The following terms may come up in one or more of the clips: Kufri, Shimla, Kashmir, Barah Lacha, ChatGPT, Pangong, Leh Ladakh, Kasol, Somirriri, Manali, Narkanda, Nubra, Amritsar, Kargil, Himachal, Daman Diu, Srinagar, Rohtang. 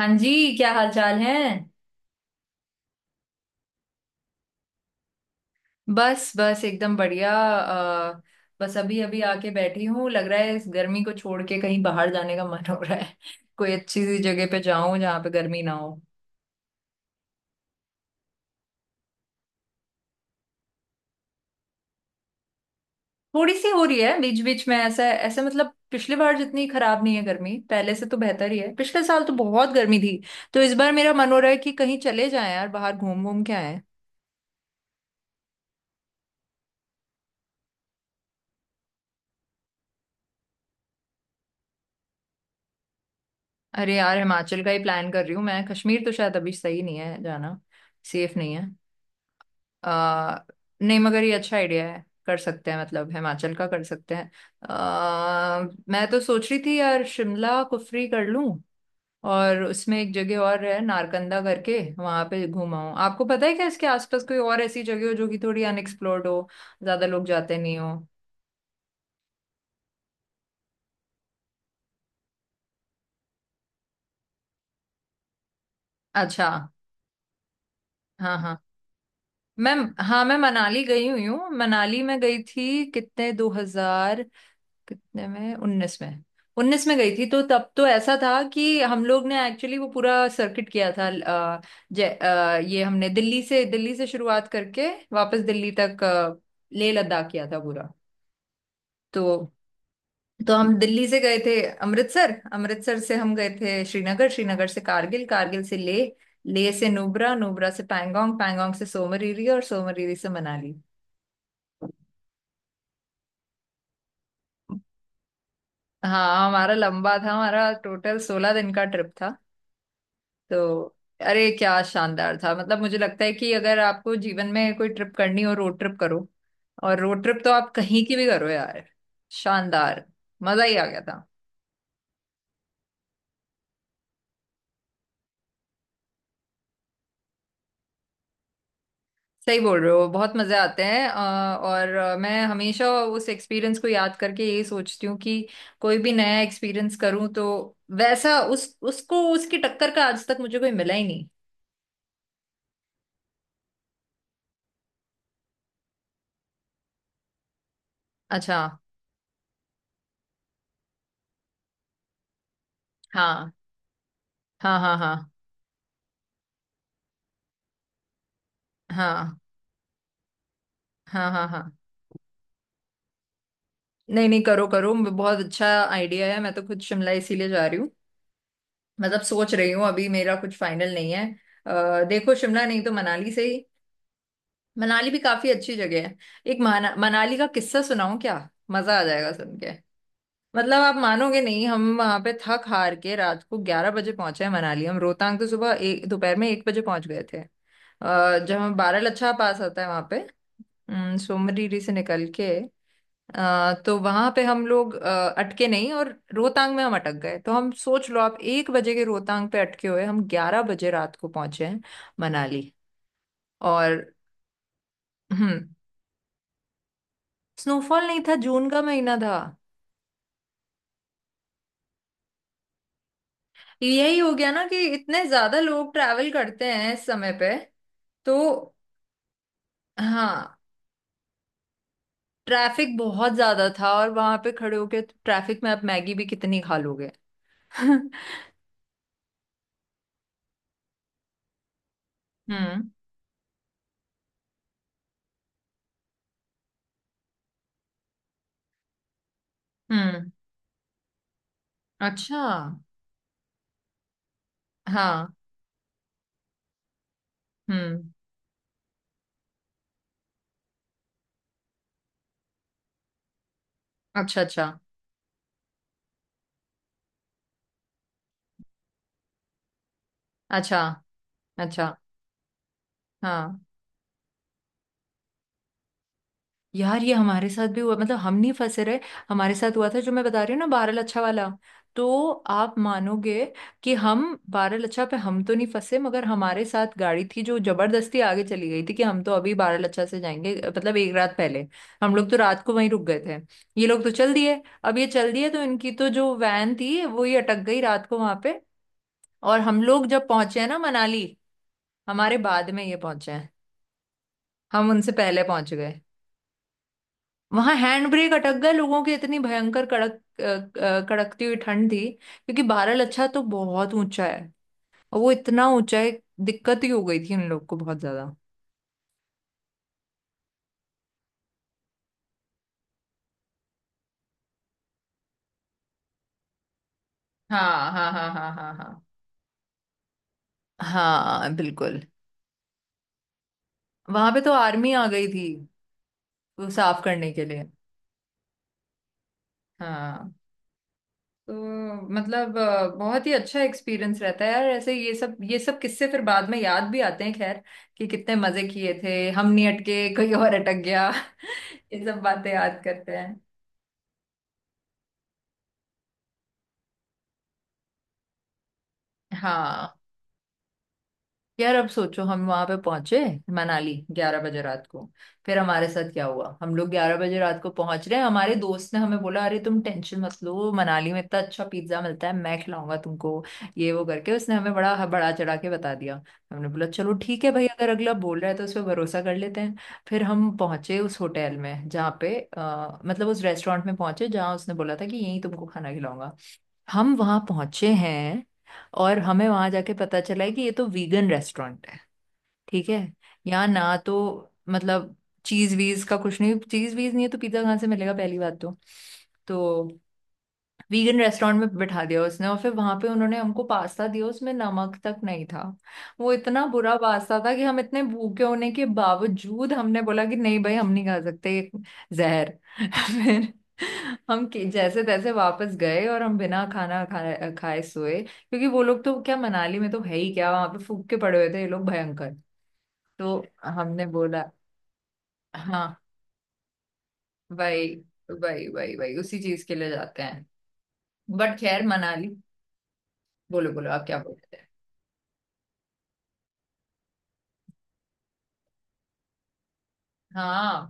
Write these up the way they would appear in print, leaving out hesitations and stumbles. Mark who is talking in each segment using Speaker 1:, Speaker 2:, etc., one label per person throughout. Speaker 1: हाँ जी, क्या हाल चाल है। बस बस एकदम बढ़िया। बस अभी अभी आके बैठी हूँ। लग रहा है इस गर्मी को छोड़ के कहीं बाहर जाने का मन हो रहा है कोई अच्छी सी जगह पे जाऊं जहाँ पे गर्मी ना हो। थोड़ी सी हो रही है बीच बीच में। ऐसा ऐसा मतलब पिछली बार जितनी खराब नहीं है, गर्मी पहले से तो बेहतर ही है। पिछले साल तो बहुत गर्मी थी। तो इस बार मेरा मन हो रहा है कि कहीं चले जाएं यार, बाहर घूम घूम के आए। अरे यार, हिमाचल का ही प्लान कर रही हूँ मैं। कश्मीर तो शायद अभी सही नहीं है जाना, सेफ नहीं है। आ, नहीं, मगर ये अच्छा आइडिया है, कर सकते हैं। मतलब हिमाचल का कर सकते हैं। आ, मैं तो सोच रही थी यार शिमला कुफरी कर लूं। और उसमें एक जगह और है नारकंदा करके, वहां पे घुमाऊं। आपको पता है क्या इसके आसपास कोई और ऐसी जगह हो जो कि थोड़ी अनएक्सप्लोर्ड हो, ज्यादा लोग जाते नहीं हो। अच्छा। हाँ हाँ। मैम हाँ, मैं मनाली गई हुई हूँ। मनाली में गई थी, कितने, 2023? कितने में, उन्नीस में। उन्नीस में गई थी। तो तब तो ऐसा था कि हम लोग ने एक्चुअली वो पूरा सर्किट किया था। अ, ये हमने दिल्ली से शुरुआत करके, वापस दिल्ली तक लेह लद्दाख किया था पूरा। तो तो हम दिल्ली से गए थे अमृतसर, अमृतसर से हम गए थे श्रीनगर, श्रीनगर से कारगिल, कारगिल से लेह, लेह से नुब्रा, नुब्रा से पैंगोंग, पैंगोंग से सोमरीरी, और सोमरीरी से मनाली। हाँ हमारा लंबा था, हमारा टोटल 16 दिन का ट्रिप था। तो अरे क्या शानदार था। मतलब मुझे लगता है कि अगर आपको जीवन में कोई ट्रिप करनी हो, रोड ट्रिप करो। और रोड ट्रिप तो आप कहीं की भी करो यार, शानदार। मजा ही आ गया था। सही बोल रहे हो, बहुत मजे आते हैं। और मैं हमेशा उस एक्सपीरियंस को याद करके यही सोचती हूँ कि कोई भी नया एक्सपीरियंस करूँ तो वैसा उस उसको उसकी टक्कर का आज तक मुझे कोई मिला ही नहीं। अच्छा। हाँ हाँ हाँ हाँ हाँ हाँ हाँ हाँ हाँ। नहीं नहीं, करो करो, बहुत अच्छा आइडिया है। मैं तो खुद शिमला इसीलिए जा रही हूँ। मतलब सोच रही हूँ, अभी मेरा कुछ फाइनल नहीं है। देखो शिमला नहीं तो मनाली से ही। मनाली भी काफी अच्छी जगह है। एक मनाली का किस्सा सुनाऊं क्या? मजा आ जाएगा सुन के। मतलब आप मानोगे नहीं, हम वहां पे थक हार के रात को 11 बजे पहुंचे हैं मनाली। हम रोहतांग तो सुबह एक, दोपहर में 1 बजे पहुंच गए थे। जब हम बारह लच्छा पास आता है वहां पे, सोमरीरी से निकल के, तो वहां पे हम लोग अटके नहीं। और रोहतांग में हम अटक गए। तो हम, सोच लो आप 1 बजे के रोहतांग पे अटके हुए हम 11 बजे रात को पहुंचे हैं मनाली। और हम्म। स्नोफॉल नहीं था, जून का महीना था। यही हो गया ना कि इतने ज्यादा लोग ट्रैवल करते हैं इस समय पे, तो हाँ। ट्रैफिक बहुत ज्यादा था। और वहां पे खड़े होके ट्रैफिक में आप मैगी भी कितनी खा लोगे। हम्म। हम्म। अच्छा। हाँ। हम्म। अच्छा अच्छा अच्छा अच्छा। हाँ यार, ये हमारे साथ भी हुआ। मतलब हम नहीं फंसे रहे, हमारे साथ हुआ था जो मैं बता रही हूँ ना, बारह लच्छा वाला। तो आप मानोगे कि हम बारह लच्छा पे हम तो नहीं फंसे, मगर हमारे साथ गाड़ी थी जो जबरदस्ती आगे चली गई थी कि हम तो अभी बारह लच्छा से जाएंगे। मतलब एक रात पहले हम लोग तो रात को वहीं रुक गए थे। ये लोग तो चल दिए। अब ये चल दिए तो इनकी तो जो वैन थी वो ही अटक गई रात को वहां पे। और हम लोग जब पहुंचे हैं ना मनाली, हमारे बाद में ये पहुंचे हैं। हम उनसे पहले पहुंच गए। वहां हैंड ब्रेक अटक गया लोगों की, इतनी भयंकर कड़क, कड़कती हुई ठंड थी क्योंकि बारह अच्छा तो बहुत ऊंचा है। और वो इतना ऊंचा है, दिक्कत ही हो गई थी उन लोग को बहुत ज्यादा। हाँ हाँ हाँ हाँ हाँ हाँ हाँ, बिल्कुल। वहां पे तो आर्मी आ गई थी वो साफ करने के लिए। हाँ। तो मतलब बहुत ही अच्छा एक्सपीरियंस रहता है यार। ऐसे ये सब किस्से फिर बाद में याद भी आते हैं, खैर, कि कितने मजे किए थे, हम नहीं अटके, कोई और अटक गया। ये सब बातें याद करते हैं। हाँ यार, अब सोचो हम वहां पे पहुंचे मनाली 11 बजे रात को। फिर हमारे साथ क्या हुआ, हम लोग 11 बजे रात को पहुंच रहे हैं, हमारे दोस्त ने हमें बोला अरे तुम टेंशन मत लो, मनाली में इतना अच्छा पिज्जा मिलता है, मैं खिलाऊंगा तुमको, ये वो करके उसने हमें बड़ा बड़ा चढ़ा के बता दिया। हमने बोला चलो ठीक है भाई, अगर अगला बोल रहा है तो उस पर भरोसा कर लेते हैं। फिर हम पहुंचे उस होटल में जहाँ पे मतलब उस रेस्टोरेंट में पहुंचे जहाँ उसने बोला था कि यहीं तुमको खाना खिलाऊंगा। हम वहां पहुंचे हैं और हमें वहां जाके पता चला है कि ये तो वीगन रेस्टोरेंट है। ठीक है, यहाँ ना तो मतलब चीज वीज का कुछ नहीं, चीज वीज नहीं है तो पिज्जा कहाँ से मिलेगा पहली बात तो। तो वीगन रेस्टोरेंट में बिठा दिया उसने और फिर वहां पे उन्होंने हमको पास्ता दिया, उसमें नमक तक नहीं था। वो इतना बुरा पास्ता था कि हम इतने भूखे होने के बावजूद हमने बोला कि नहीं भाई, हम नहीं खा सकते ये जहर। फिर हम जैसे तैसे वापस गए और हम बिना खाना खाए खाए सोए क्योंकि वो लोग तो क्या, मनाली में तो है ही क्या, वहां पे फूक के पड़े हुए थे ये लोग भयंकर। तो हमने बोला हाँ भाई, भाई भाई भाई, उसी चीज के लिए जाते हैं। बट खैर मनाली, बोलो बोलो आप क्या बोल रहे थे। हाँ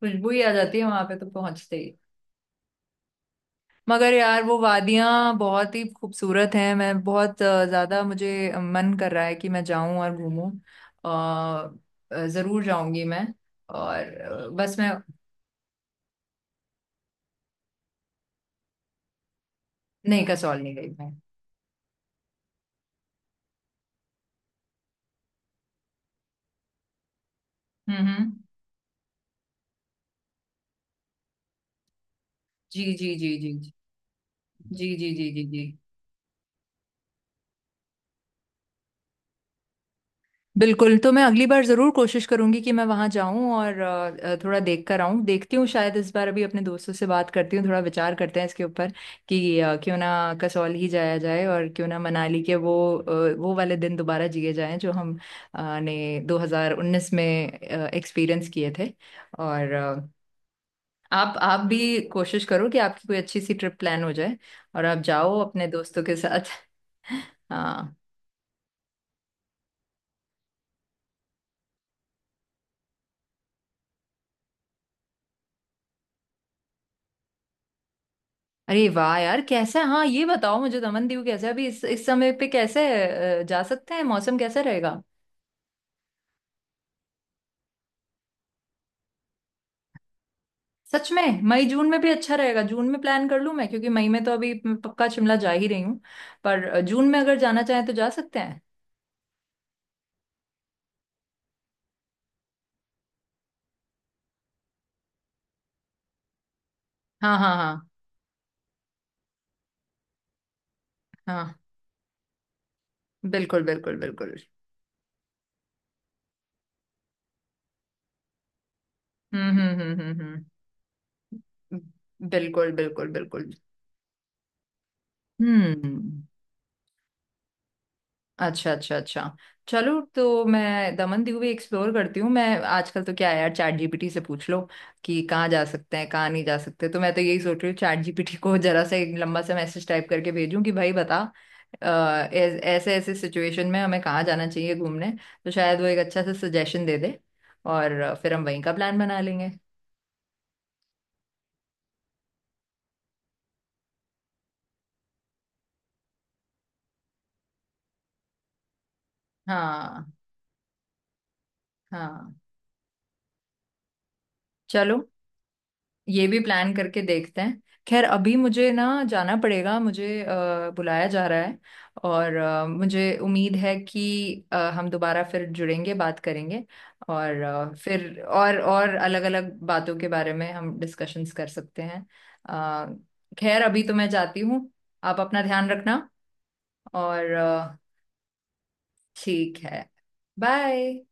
Speaker 1: खुशबू ही आ जाती है वहां पे तो पहुंचते ही। मगर यार वो वादियां बहुत ही खूबसूरत हैं। मैं बहुत ज्यादा, मुझे मन कर रहा है कि मैं जाऊं और घूमूं। जरूर जाऊंगी मैं। और बस मैं, नहीं कसौल नहीं गई मैं। हम्म। जी जी जी जी जी जी जी जी जी जी। बिल्कुल, तो मैं अगली बार ज़रूर कोशिश करूंगी कि मैं वहां जाऊं और थोड़ा देख कर आऊं। देखती हूँ शायद इस बार, अभी अपने दोस्तों से बात करती हूँ, थोड़ा विचार करते हैं इसके ऊपर कि क्यों ना कसौल ही जाया जाए, और क्यों ना मनाली के वो वो वाले दिन दोबारा जिए जाएं जो हम ने 2019 में एक्सपीरियंस किए थे। और आप भी कोशिश करो कि आपकी कोई अच्छी सी ट्रिप प्लान हो जाए और आप जाओ अपने दोस्तों के साथ। हाँ। अरे वाह यार, कैसा है, हाँ ये बताओ मुझे, दमनदीव कैसा है अभी इस समय पे, कैसे जा सकते हैं, मौसम कैसा रहेगा? सच में मई जून में भी अच्छा रहेगा, जून में प्लान कर लूं मैं, क्योंकि मई में तो अभी मैं पक्का शिमला जा ही रही हूँ। पर जून में अगर जाना चाहें तो जा सकते हैं। हाँ हाँ हाँ हाँ, बिल्कुल बिल्कुल बिल्कुल। हम्म। हम्म, बिल्कुल बिल्कुल बिल्कुल। हम्म। अच्छा अच्छा अच्छा। चलो तो मैं दमन दीव भी एक्सप्लोर करती हूँ मैं। आजकल तो क्या है यार, चैट जीपीटी से पूछ लो कि कहाँ जा सकते हैं कहाँ नहीं जा सकते। तो मैं तो यही सोच रही हूँ चैट जीपीटी को जरा सा एक लंबा सा मैसेज टाइप करके भेजूँ कि भाई बता अ, ऐसे ऐसे सिचुएशन में हमें कहाँ जाना चाहिए घूमने, तो शायद वो एक अच्छा सा सजेशन दे दे। और फिर हम वहीं का प्लान बना लेंगे। हाँ हाँ, चलो, ये भी प्लान करके देखते हैं। खैर अभी मुझे ना जाना पड़ेगा, मुझे बुलाया जा रहा है। और मुझे उम्मीद है कि हम दोबारा फिर जुड़ेंगे, बात करेंगे। और फिर और अलग-अलग बातों के बारे में हम डिस्कशंस कर सकते हैं। अ, खैर अभी तो मैं जाती हूँ, आप अपना ध्यान रखना। और ठीक है। बाय।